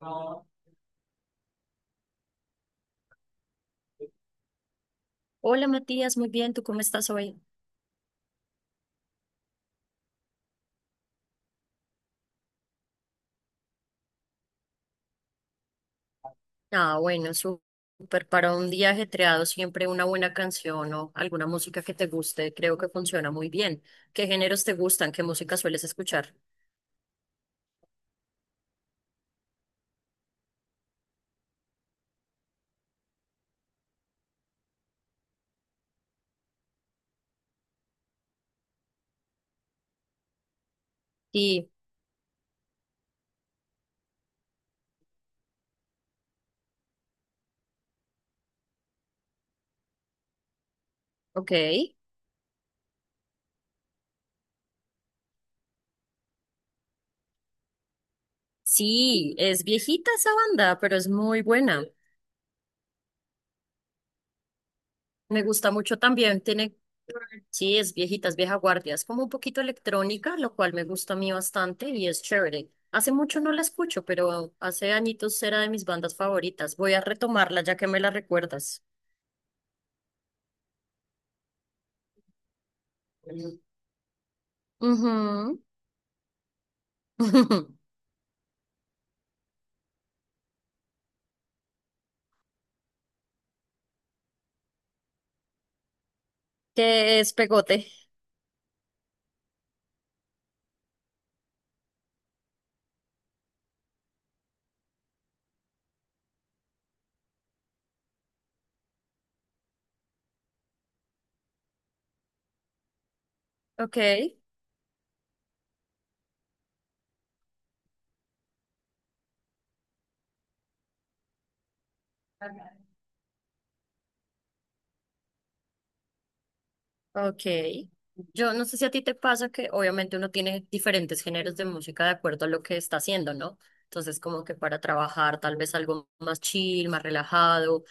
Hola Matías, muy bien, ¿tú cómo estás hoy? Ah, bueno, sú- Súper. Para un día ajetreado, siempre una buena canción o alguna música que te guste, creo que funciona muy bien. ¿Qué géneros te gustan? ¿Qué música sueles escuchar? Sí, ok. Sí, es viejita esa banda, pero es muy buena. Me gusta mucho también. Tiene... Sí, es viejitas, vieja guardia. Es como un poquito electrónica, lo cual me gusta a mí bastante y es chévere. Hace mucho no la escucho, pero hace añitos era de mis bandas favoritas. Voy a retomarla ya que me la recuerdas. Ujú. Que es pegote. Ok, ok. Yo no sé si a ti te pasa que obviamente uno tiene diferentes géneros de música de acuerdo a lo que está haciendo, ¿no? Entonces, como que para trabajar, tal vez algo más chill, más relajado.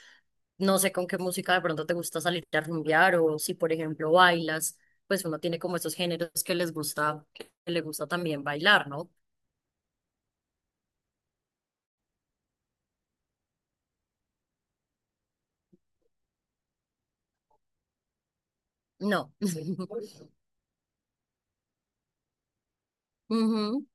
No sé con qué música de pronto te gusta salir a rumbear o si, por ejemplo, bailas, pues uno tiene como esos géneros que les gusta, que le gusta también bailar, ¿no? No. Ujú.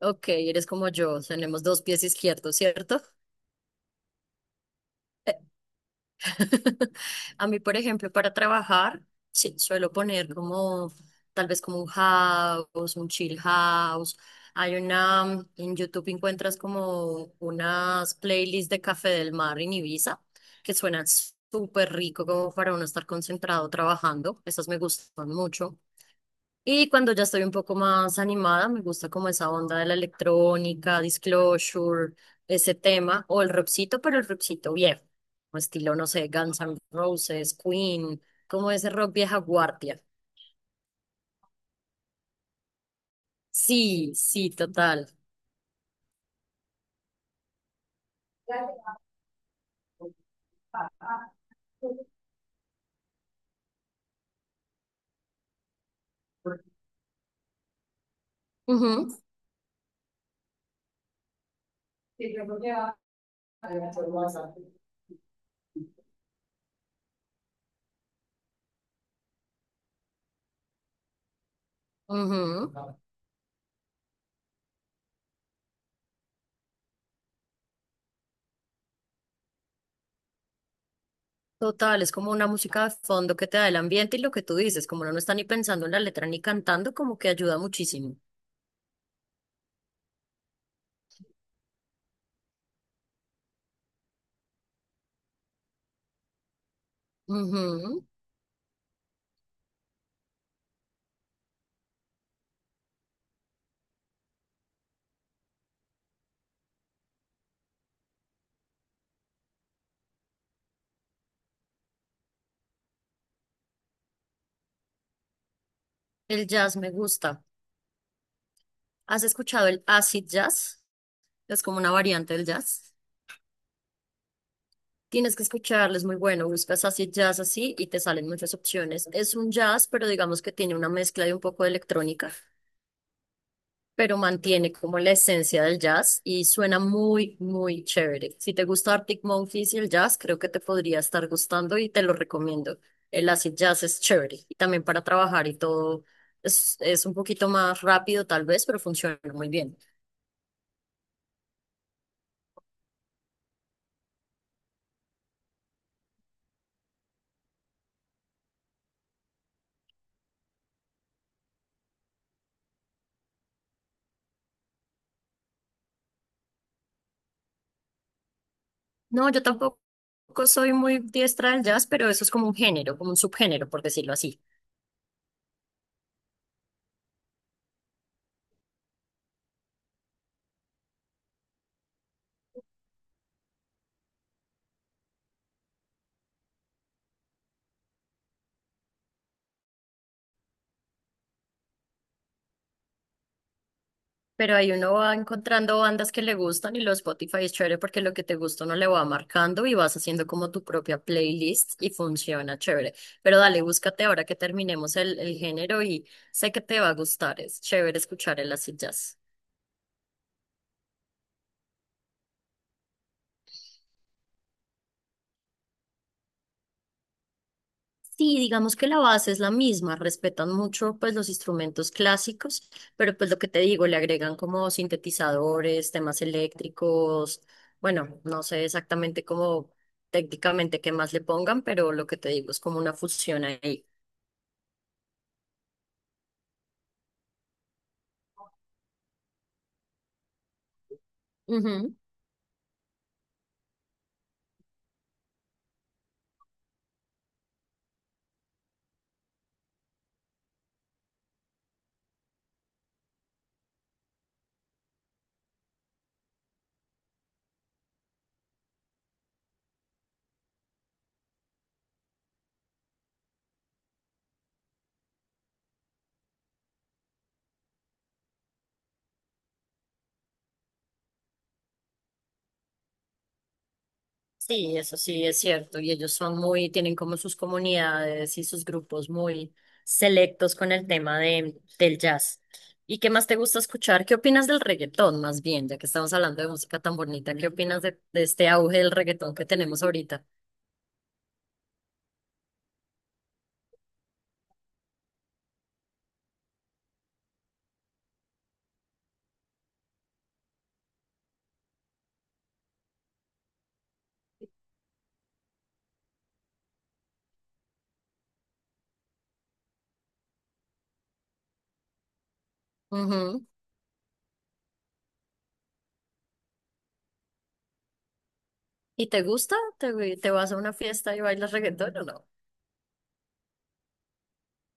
Ok, eres como yo, tenemos dos pies izquierdos, ¿cierto? A mí, por ejemplo, para trabajar, sí, suelo poner como tal vez como un house, un chill house. Hay una, en YouTube encuentras como unas playlists de Café del Mar en Ibiza que suenan súper rico como para uno estar concentrado trabajando. Esas me gustan mucho. Y cuando ya estoy un poco más animada, me gusta como esa onda de la electrónica, Disclosure, ese tema, o el rockcito, pero el rockcito viejo, como estilo, no sé, Guns N' Roses, Queen, como ese rock vieja guardia. Sí, sí, total. Ujú, ujú. Total, es como una música de fondo que te da el ambiente y lo que tú dices, como uno no está ni pensando en la letra ni cantando, como que ayuda muchísimo. Ujú. El jazz me gusta. ¿Has escuchado el acid jazz? Es como una variante del jazz. Tienes que escucharlo, es muy bueno. Buscas acid jazz así y te salen muchas opciones. Es un jazz, pero digamos que tiene una mezcla de un poco de electrónica, pero mantiene como la esencia del jazz y suena muy, muy chévere. Si te gusta Arctic Monkeys y el jazz, creo que te podría estar gustando y te lo recomiendo. El acid jazz es chévere y también para trabajar y todo, es un poquito más rápido tal vez, pero funciona muy bien. No, yo tampoco soy muy diestra del jazz, pero eso es como un género, como un subgénero, por decirlo así. Pero ahí uno va encontrando bandas que le gustan y los Spotify es chévere porque lo que te gusta uno le va marcando y vas haciendo como tu propia playlist y funciona chévere. Pero dale, búscate ahora que terminemos el género y sé que te va a gustar. Es chévere escuchar el acid jazz. Sí, digamos que la base es la misma, respetan mucho pues los instrumentos clásicos, pero pues lo que te digo, le agregan como sintetizadores, temas eléctricos, bueno, no sé exactamente cómo técnicamente qué más le pongan, pero lo que te digo es como una fusión ahí. Ujú. Sí, eso sí es cierto. Y ellos son muy, tienen como sus comunidades y sus grupos muy selectos con el tema de, del jazz. ¿Y qué más te gusta escuchar? ¿Qué opinas del reggaetón, más bien, ya que estamos hablando de música tan bonita? ¿Qué opinas de este auge del reggaetón que tenemos ahorita? Ujú. ¿Y te gusta? ¿Te, te vas a una fiesta y bailas reggaetón o no?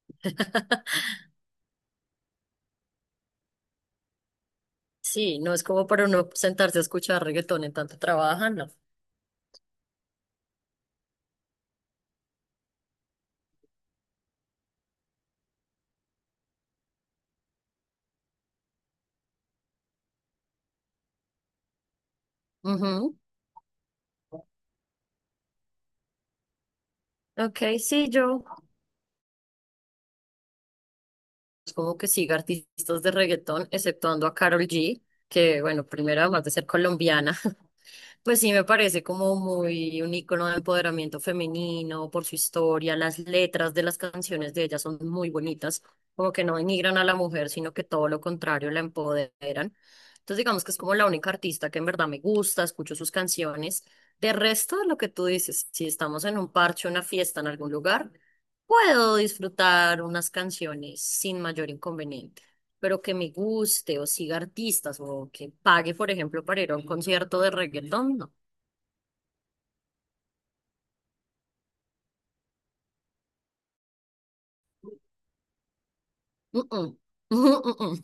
Sí, no es como para uno sentarse a escuchar reggaetón en tanto trabajan, no. Ujú. Ok, sí, yo como que siga artistas de reggaetón, exceptuando a Karol G, que bueno, primero además de ser colombiana, pues sí me parece como muy un icono de empoderamiento femenino por su historia, las letras de las canciones de ella son muy bonitas, como que no denigran a la mujer, sino que todo lo contrario la empoderan. Entonces digamos que es como la única artista que en verdad me gusta, escucho sus canciones. De resto, lo que tú dices, si estamos en un parche, una fiesta en algún lugar, puedo disfrutar unas canciones sin mayor inconveniente, pero que me guste o siga artistas o que pague, por ejemplo, para ir a un concierto de reggaetón, no. Mm-mm. Ujú.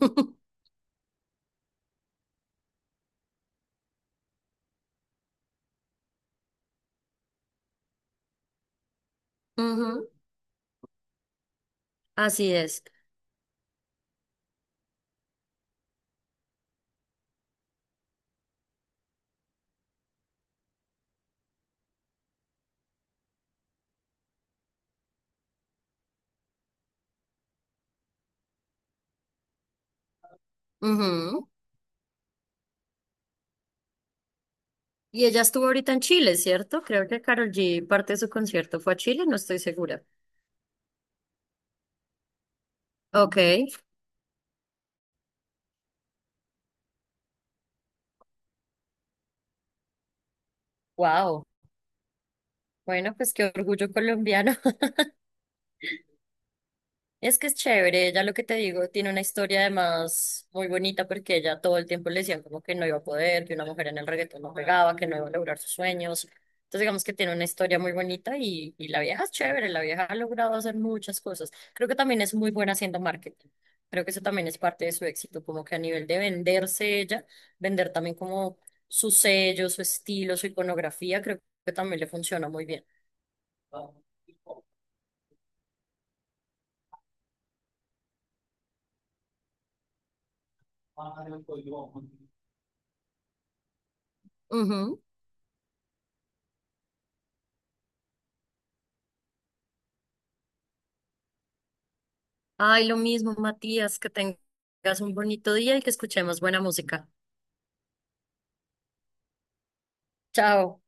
Así es. Ujú. Y ella estuvo ahorita en Chile, ¿cierto? Creo que Karol G parte de su concierto fue a Chile, no estoy segura. Ok, wow. Bueno, pues qué orgullo colombiano. Es que es chévere, ella lo que te digo, tiene una historia además muy bonita porque ella todo el tiempo le decían como que no iba a poder, que una mujer en el reggaetón no pegaba, que no iba a lograr sus sueños. Entonces digamos que tiene una historia muy bonita y la vieja es chévere, la vieja ha logrado hacer muchas cosas. Creo que también es muy buena haciendo marketing. Creo que eso también es parte de su éxito, como que a nivel de venderse ella, vender también como su sello, su estilo, su iconografía, creo que también le funciona muy bien. Ujú. Ay, lo mismo, Matías, que tengas un bonito día y que escuchemos buena música. Chao.